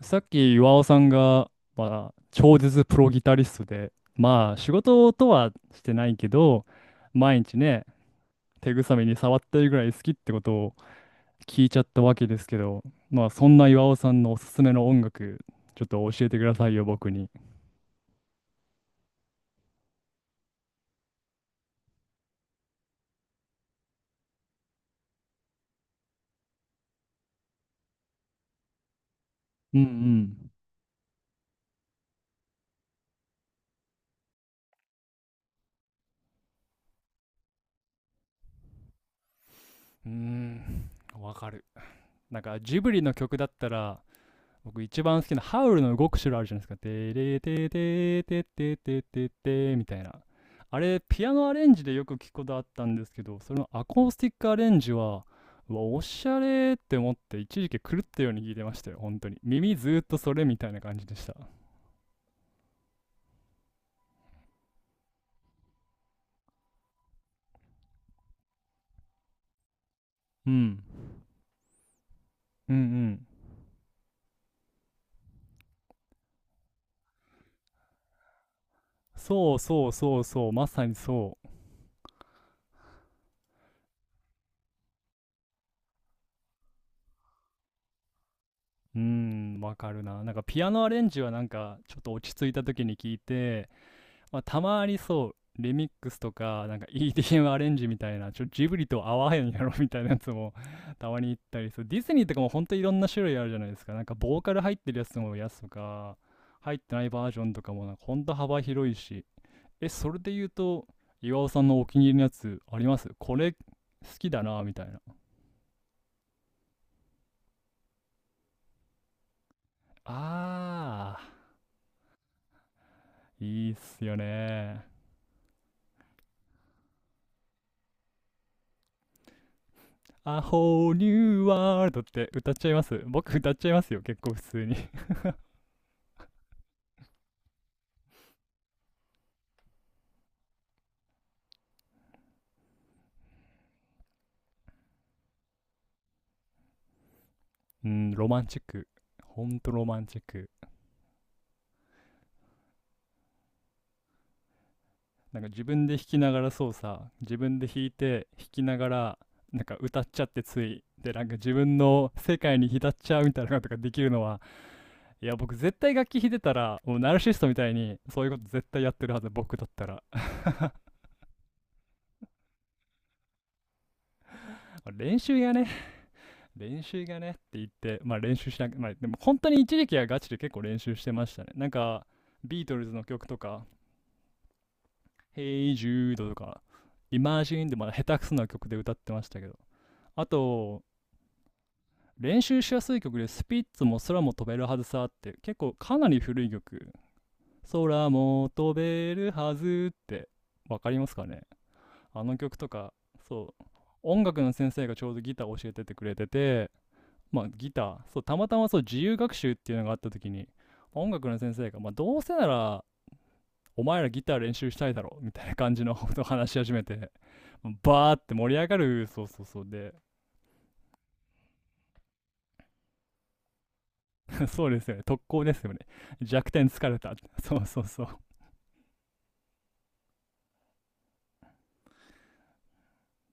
さっき岩尾さんが、まあ、超絶プロギタリストで、まあ仕事とはしてないけど、毎日ね、手ぐさみに触ってるぐらい好きってことを聞いちゃったわけですけど、まあそんな岩尾さんのおすすめの音楽、ちょっと教えてくださいよ、僕に。うんうん。うーん、わかる。なんかジブリの曲だったら、僕一番好きなハウルの動く城あるじゃないですか。てれてててててててみたいな。あれ、ピアノアレンジでよく聞くことあったんですけど、それのアコースティックアレンジは、うわ、おしゃれって思って、一時期狂ったように聞いてましたよ、本当に。耳ずーっとそれみたいな感じでした。うん。うんうん。そうそうそうそう、まさにそう。うーん、わかるな。なんかピアノアレンジはなんか、ちょっと落ち着いた時に聞いて、まあ、たまにそう、リミックスとか、なんか EDM アレンジみたいな、ちょ、ジブリと合わへんやろみたいなやつもたまに行ったりする。ディズニーとかも本当いろんな種類あるじゃないですか。なんかボーカル入ってるやつとか、入ってないバージョンとかもなんか本当幅広いし。え、それで言うと、岩尾さんのお気に入りのやつありますこれ好きだなみたいな。あー、いいっすよね。A whole new world って歌っちゃいます僕歌っちゃいますよ、結構普通に。うん、ロマンチック。ほんとロマンチック。なんか自分で弾いて弾きながら、なんか歌っちゃってつい。で、なんか自分の世界に浸っちゃうみたいなことができるのは、いや、僕絶対楽器弾いてたら、もうナルシストみたいにそういうこと絶対やってるはず、僕だったら。練習がね、練習がねって言って、まあ練習しなく、まあでも本当に一時期はガチで結構練習してましたね。なんか、ビートルズの曲とか、Hey Jude とか Imagine でまだ下手くそな曲で歌ってましたけど、あと練習しやすい曲でスピッツも空も飛べるはずさって、結構かなり古い曲、空も飛べるはずってわかりますかね。あの曲とか。そう、音楽の先生がちょうどギターを教えててくれてて、まあギター、そうたまたまそう自由学習っていうのがあった時に、音楽の先生が、まあ、どうせならお前らギター練習したいだろみたいな感じのことを話し始めて、バーって盛り上がる、そうそうそうで、そうですよね、特攻ですよね。弱点疲れた。そうそうそう。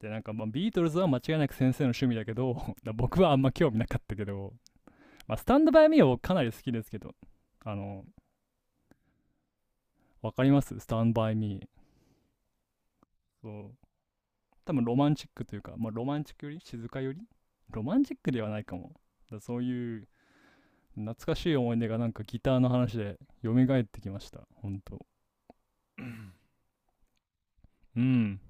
で、なんかまあビートルズは間違いなく先生の趣味だけど、僕はあんま興味なかったけど、まあ、スタンドバイミーはかなり好きですけど、あの、わかりますスタンドバイミー。そう。多分ロマンチックというか、まあ、ロマンチックより静かより、ロマンチックではないかも。だそういう懐かしい思い出がなんかギターの話で蘇ってきました。本当。うん。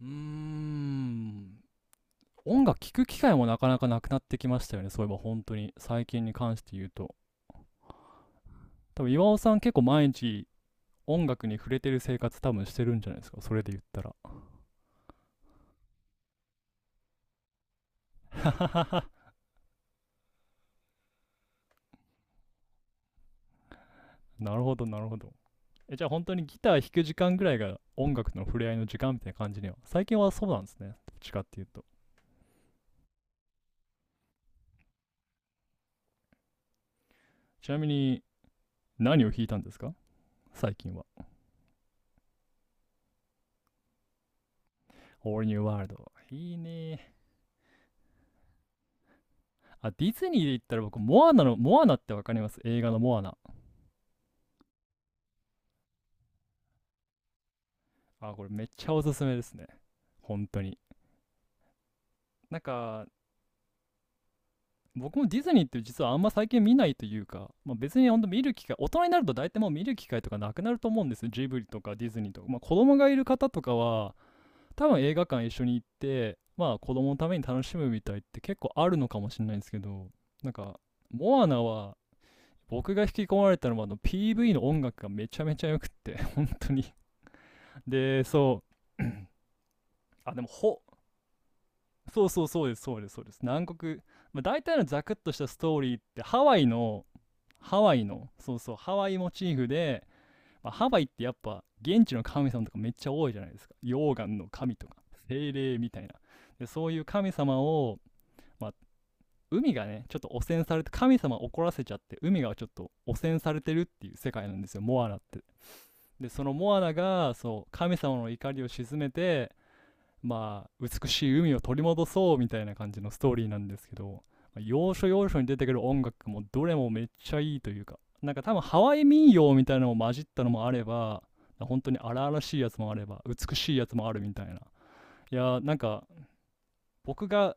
うーん、音楽聴く機会もなかなかなくなってきましたよね、そういえば本当に最近に関して言うと。多分岩尾さん結構毎日音楽に触れてる生活多分してるんじゃないですかそれで言ったら。 なるほどなるほど。え、じゃあ本当にギター弾く時間ぐらいが音楽との触れ合いの時間みたいな感じには最近はそうなんですね、どっちかっていうと。ちなみに何を弾いたんですか、最近は。 All New World、 いいね。あ、ディズニーで言ったら僕モアナの、モアナってわかります、映画のモアナ。あ、これめっちゃおすすめですね、本当になんか。僕もディズニーって実はあんま最近見ないというか、まあ、別に本当見る機会、大人になると大体もう見る機会とかなくなると思うんですよ、ジブリとかディズニーとか。まあ、子供がいる方とかは多分映画館一緒に行ってまあ子供のために楽しむみたいって結構あるのかもしれないんですけど、なんかモアナは、僕が引き込まれたのはあの PV の音楽がめちゃめちゃ良くって。 本当に。 でそう あでもほ、そうそう、そうです、そうです、そうです南国、まあ、大体のザクッとしたストーリーってハワイの、ハワイモチーフで、まあ、ハワイってやっぱ現地の神様とかめっちゃ多いじゃないですか、溶岩の神とか精霊みたいな。でそういう神様を、まあ、海がねちょっと汚染されて神様を怒らせちゃって、海がちょっと汚染されてるっていう世界なんですよ、モアナって。でそのモアナがそう神様の怒りを鎮めて、まあ、美しい海を取り戻そうみたいな感じのストーリーなんですけど、要所要所に出てくる音楽もどれもめっちゃいいというか、なんか多分ハワイ民謡みたいなのも混じったのもあれば、本当に荒々しいやつもあれば、美しいやつもあるみたいな。いやー、なんか僕が、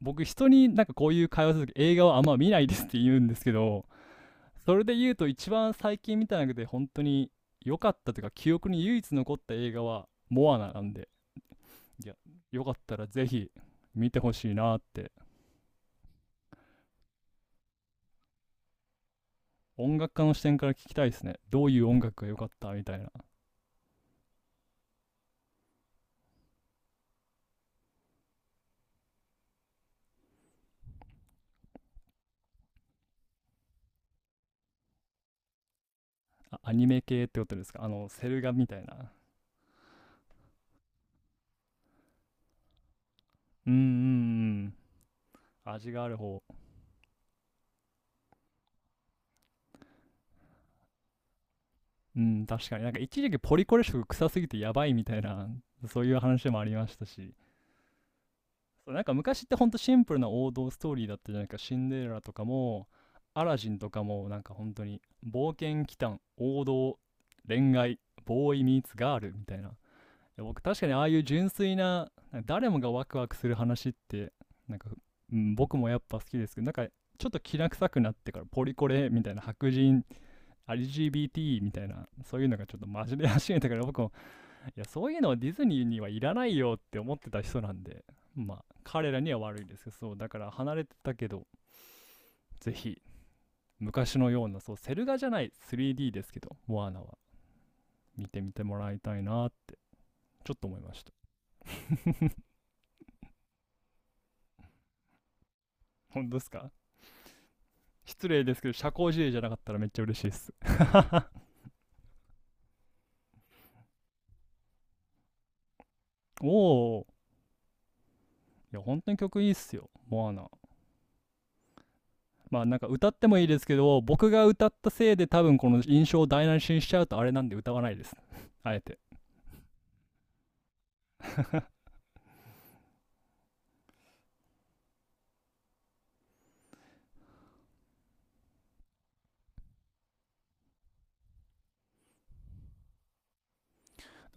僕人になんかこういう会話するとき映画はあんま見ないですって言うんですけど、それで言うと一番最近見た中で本当に良かったというか記憶に唯一残った映画はモアナなんで、いや、よかったらぜひ見てほしいなって。音楽家の視点から聞きたいですね。どういう音楽が良かったみたいな。あ、アニメ系ってことですか、あの、セル画みたいな。うんうんうん。味がある方。うん、確かに。なんか一時期ポリコレ色臭すぎてやばいみたいな、そういう話もありましたし。そう、なんか昔ってほんとシンプルな王道ストーリーだったじゃないか。シンデレラとかも、アラジンとかも、なんか本当に、冒険祈祷、王道、恋愛、ボーイミーツガールみたいな。僕確かにああいう純粋な誰もがワクワクする話って、なんか、うん、僕もやっぱ好きですけど、なんかちょっときな臭くなってからポリコレみたいな、白人 LGBT みたいな、そういうのがちょっとマジで始めたから、僕もいやそういうのはディズニーにはいらないよって思ってた人なんで、まあ彼らには悪いですけど、そうだから離れてたけど、ぜひ昔のようなそうセル画じゃない 3D ですけどモアナは見てみてもらいたいなちょっと思いました。 本当ですか。失礼ですけど社交辞令じゃなかったらめっちゃ嬉しいです。 おお、いや本当に曲いいっすよモアナ。まあなんか歌ってもいいですけど、僕が歌ったせいで多分この印象を台無しにしちゃうとあれなんで歌わないです。 あえて。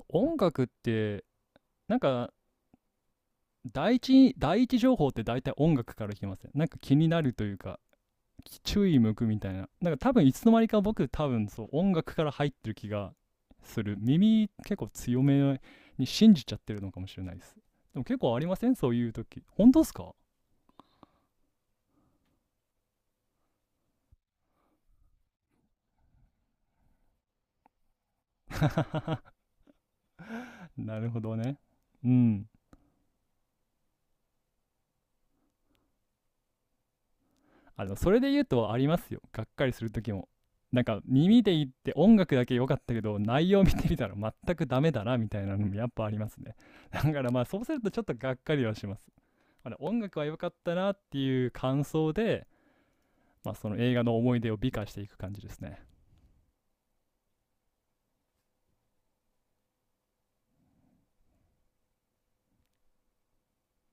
音楽って、なんか第一情報って大体音楽から来ません、なんか気になるというか、注意向くみたいな。なんか多分いつの間にか僕多分そう音楽から入ってる気がする、耳結構強めに信じちゃってるのかもしれないです。でも結構ありません、そういう時、本当ですか。 なるほどね。うん、あのそれで言うとありますよ、がっかりする時も。なんか耳で言って音楽だけ良かったけど内容見てみたら全くダメだなみたいなのもやっぱありますね。だからまあそうするとちょっとがっかりはします、あの音楽は良かったなっていう感想で。まあ、その映画の思い出を美化していく感じですね。